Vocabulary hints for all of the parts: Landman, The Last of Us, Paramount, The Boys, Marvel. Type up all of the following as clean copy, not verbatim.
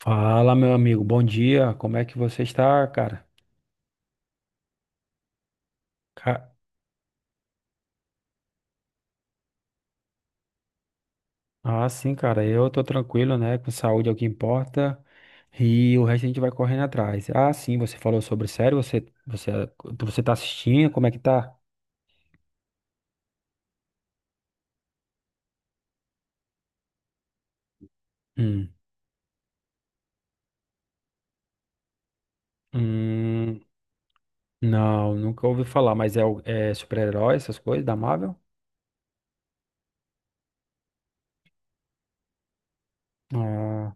Fala, meu amigo, bom dia. Como é que você está, cara? Ca- Ah, sim, cara, eu tô tranquilo, né? Com saúde é o que importa. E o resto a gente vai correndo atrás. Ah, sim, você falou sobre série, você tá assistindo, como é que tá? Hum. Hum, não, nunca ouvi falar, mas é super-herói, essas coisas da Marvel? Ah,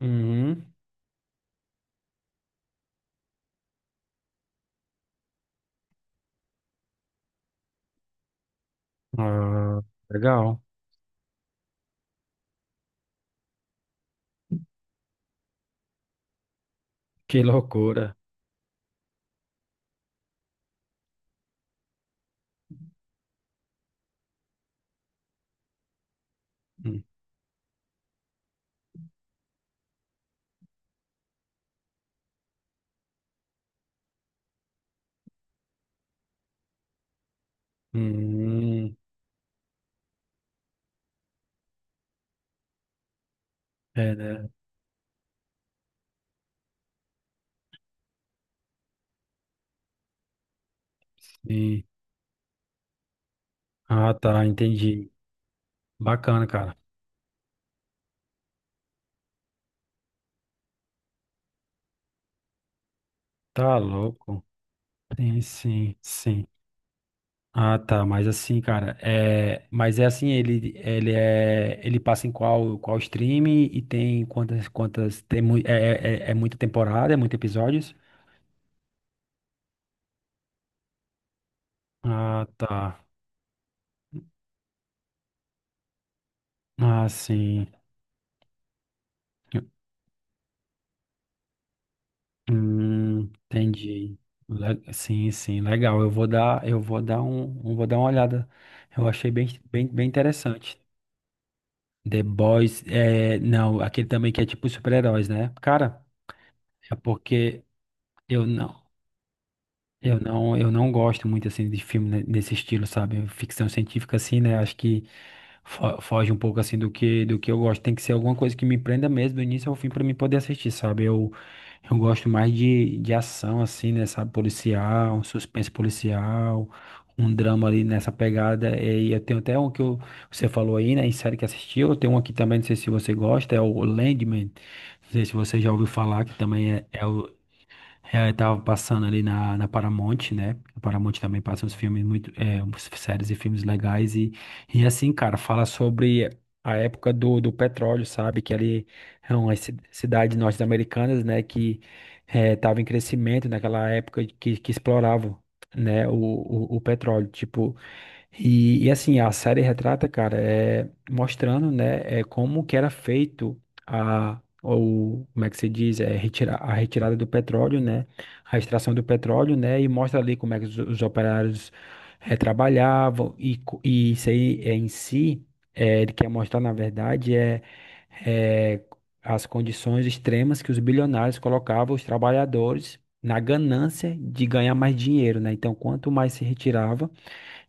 uhum. Ah, legal. Que loucura. Hum, hum, é, né? Sim. Ah, tá, entendi. Bacana, cara. Tá louco. Sim, sim, sim. Ah, tá, mas assim, cara, mas é assim, ele passa em qual stream e tem quantas quantas tem muita temporada, é muitos episódios? Ah, tá. Ah, sim. Entendi. Sim, sim, legal. Eu vou dar uma olhada. Eu achei bem, bem, bem interessante. The Boys, não, aquele também que é tipo super-heróis, né? Cara. É porque eu não, eu não gosto muito assim de filme nesse estilo, sabe? Ficção científica assim, né? Acho que foge um pouco assim do que eu gosto. Tem que ser alguma coisa que me prenda mesmo do início ao fim para mim poder assistir, sabe? Eu gosto mais de ação assim, né, sabe? Policial, um suspense policial, um drama ali nessa pegada. E eu tenho até um que você falou aí, né, em série que assistiu. Eu tenho um aqui também, não sei se você gosta, é o Landman. Não sei se você já ouviu falar, que também eu tava passando ali na Paramount, né? A Paramount também passa uns filmes muito, umas séries e filmes legais e assim, cara, fala sobre a época do petróleo, sabe? Que ali é umas cidades norte-americanas, né? Que tava em crescimento naquela época que exploravam, né? O petróleo, tipo assim, a série retrata, cara, é mostrando, né, é como que era feito a ou como é que se diz, a retirada do petróleo, né, a extração do petróleo, né, e mostra ali como é que os operários trabalhavam e isso aí é, em si, ele quer mostrar, na verdade, é as condições extremas que os bilionários colocavam os trabalhadores na ganância de ganhar mais dinheiro, né? Então, quanto mais se retirava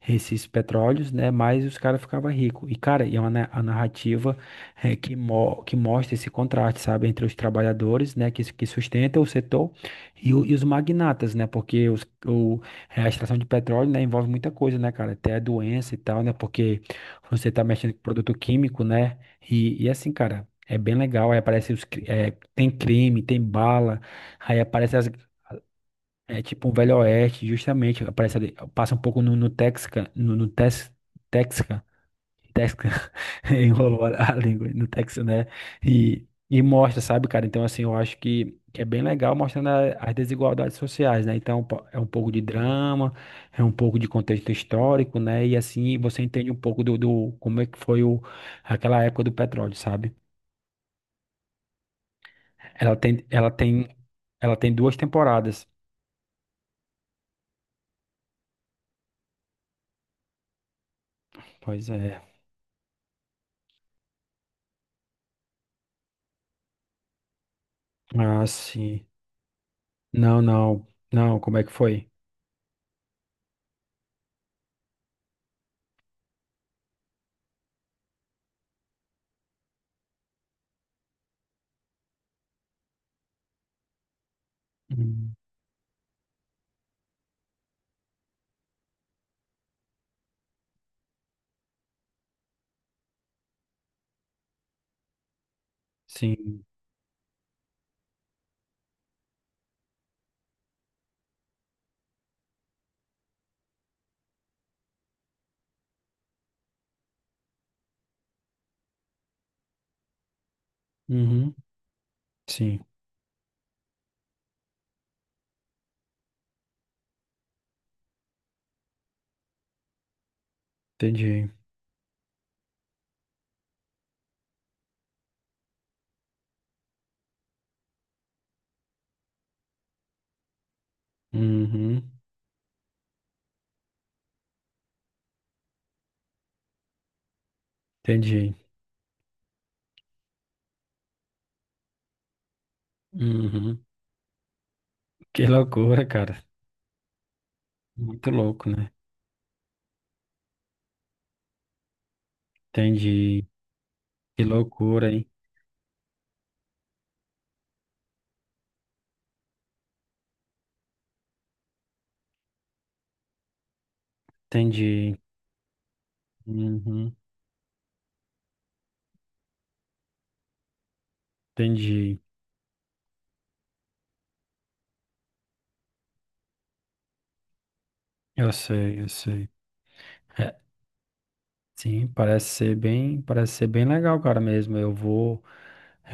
esses petróleos, né? Mais os caras ficavam ricos. E, cara, é uma a narrativa que mostra esse contraste, sabe? Entre os trabalhadores, né? Que sustentam o setor e os magnatas, né? Porque a extração de petróleo, né? Envolve muita coisa, né, cara? Até doença e tal, né? Porque você tá mexendo com produto químico, né? E assim, cara. É bem legal, aí aparece tem crime, tem bala. aí aparece as, é tipo um Velho Oeste, justamente. Aparece ali, passa um pouco no Texca, no, no Tex, Texca, Texca, enrolou a língua no Texas, né? E mostra, sabe, cara? Então, assim, eu acho que é bem legal mostrando as desigualdades sociais, né? Então, é um pouco de drama, é um pouco de contexto histórico, né? E assim, você entende um pouco do como é que foi aquela época do petróleo, sabe? Ela tem, ela tem, ela tem duas temporadas. Pois é. Ah, sim. Não, não, não, como é que foi? Hum, Sim, uhum, sim, entendi, uhum, entendi, uhum. Que loucura, cara, muito louco, né? Entendi, que loucura, hein? Entendi, uhum, entendi, eu sei, eu sei. É, sim, parece ser bem legal, cara, mesmo, eu vou,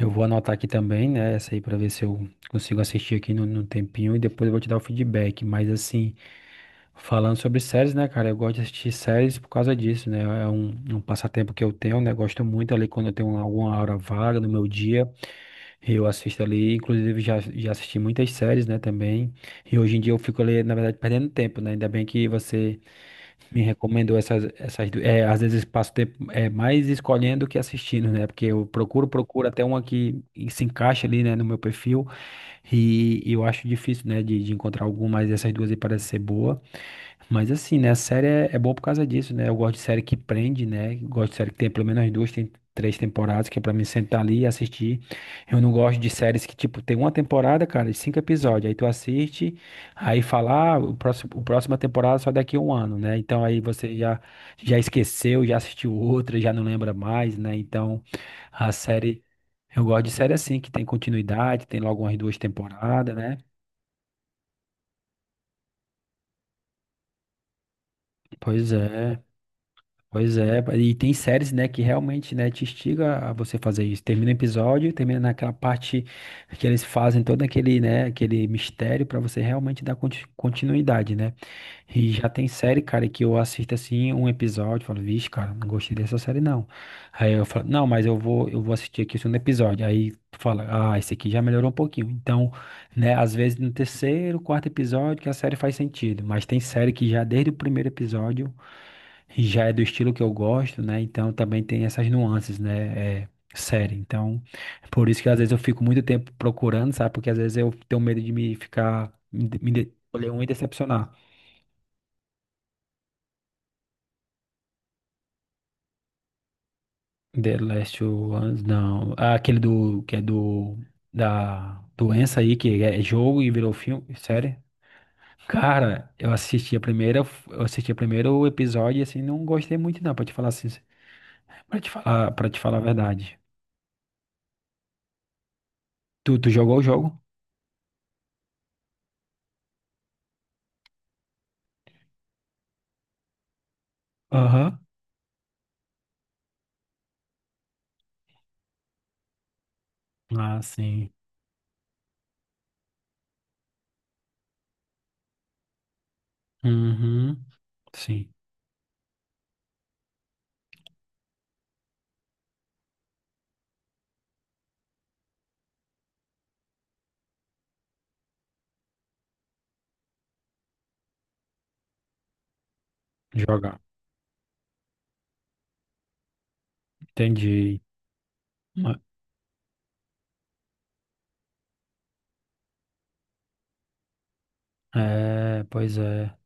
eu vou anotar aqui também, né, essa aí pra ver se eu consigo assistir aqui no tempinho e depois eu vou te dar o feedback, mas assim... Falando sobre séries, né, cara? Eu gosto de assistir séries por causa disso, né? É um passatempo que eu tenho, né? Gosto muito ali quando eu tenho alguma hora vaga no meu dia, eu assisto ali. Inclusive, já assisti muitas séries, né, também. E hoje em dia eu fico ali, na verdade, perdendo tempo, né? Ainda bem que você me recomendou às vezes passo tempo é, mais escolhendo que assistindo, né? Porque eu procuro até uma que se encaixa ali, né, no meu perfil. E eu acho difícil, né, de encontrar alguma, mas essas duas aí parecem ser boa. Mas assim, né, a série é boa por causa disso, né? Eu gosto de série que prende, né? Gosto de série que tem pelo menos duas, tem três temporadas, que é pra mim sentar ali e assistir. Eu não gosto de séries que, tipo, tem uma temporada, cara, de cinco episódios. Aí tu assiste, aí fala, ah, o próximo, o próxima temporada só daqui a um ano, né? Então aí você já, já, esqueceu, já assistiu outra, já não lembra mais, né? Então a série. Eu gosto de série assim, que tem continuidade, tem logo umas duas temporadas, né? Pois é. Pois é, e tem séries, né, que realmente, né, te instiga a você fazer isso. Termina o episódio, termina naquela parte que eles fazem todo aquele, né, aquele mistério pra você realmente dar continuidade, né? E já tem série, cara, que eu assisto assim um episódio, e falo, vixe, cara, não gostei dessa série não. Aí eu falo, não, mas eu vou assistir aqui o segundo episódio. Aí tu fala, ah, esse aqui já melhorou um pouquinho. Então, né, às vezes no terceiro, quarto episódio que a série faz sentido, mas tem série que já desde o primeiro episódio já é do estilo que eu gosto, né? Então também tem essas nuances, né? É, série. Então, é por isso que às vezes eu fico muito tempo procurando, sabe? Porque às vezes eu tenho medo de me ficar, me de- escolher um e decepcionar. The Last of Us, não. Ah, aquele do, que é do, da doença aí, que é jogo e virou filme, série. Cara, eu assisti a primeira, eu assisti a primeiro episódio e assim, não gostei muito não, pra te falar a verdade. Tu jogou o jogo? Aham. Ah, sim. Uhum, sim, jogar. Entendi. Hum. É, pois é.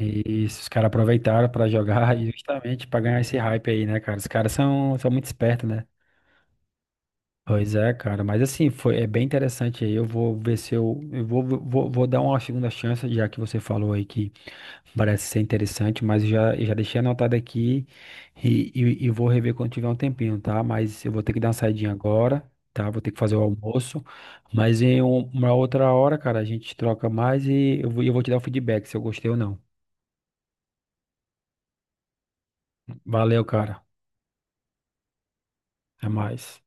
E se os caras aproveitaram pra jogar e justamente pra ganhar esse hype aí, né, cara? Os caras são muito espertos, né? Pois é, cara, mas assim, é bem interessante aí. Eu vou ver se eu, eu vou dar uma segunda chance, já que você falou aí que parece ser interessante, mas eu já deixei anotado aqui e vou rever quando tiver um tempinho, tá? Mas eu vou ter que dar uma saidinha agora, tá? Vou ter que fazer o almoço, mas em uma outra hora, cara, a gente troca mais e eu vou te dar o feedback se eu gostei ou não. Valeu, cara, até mais.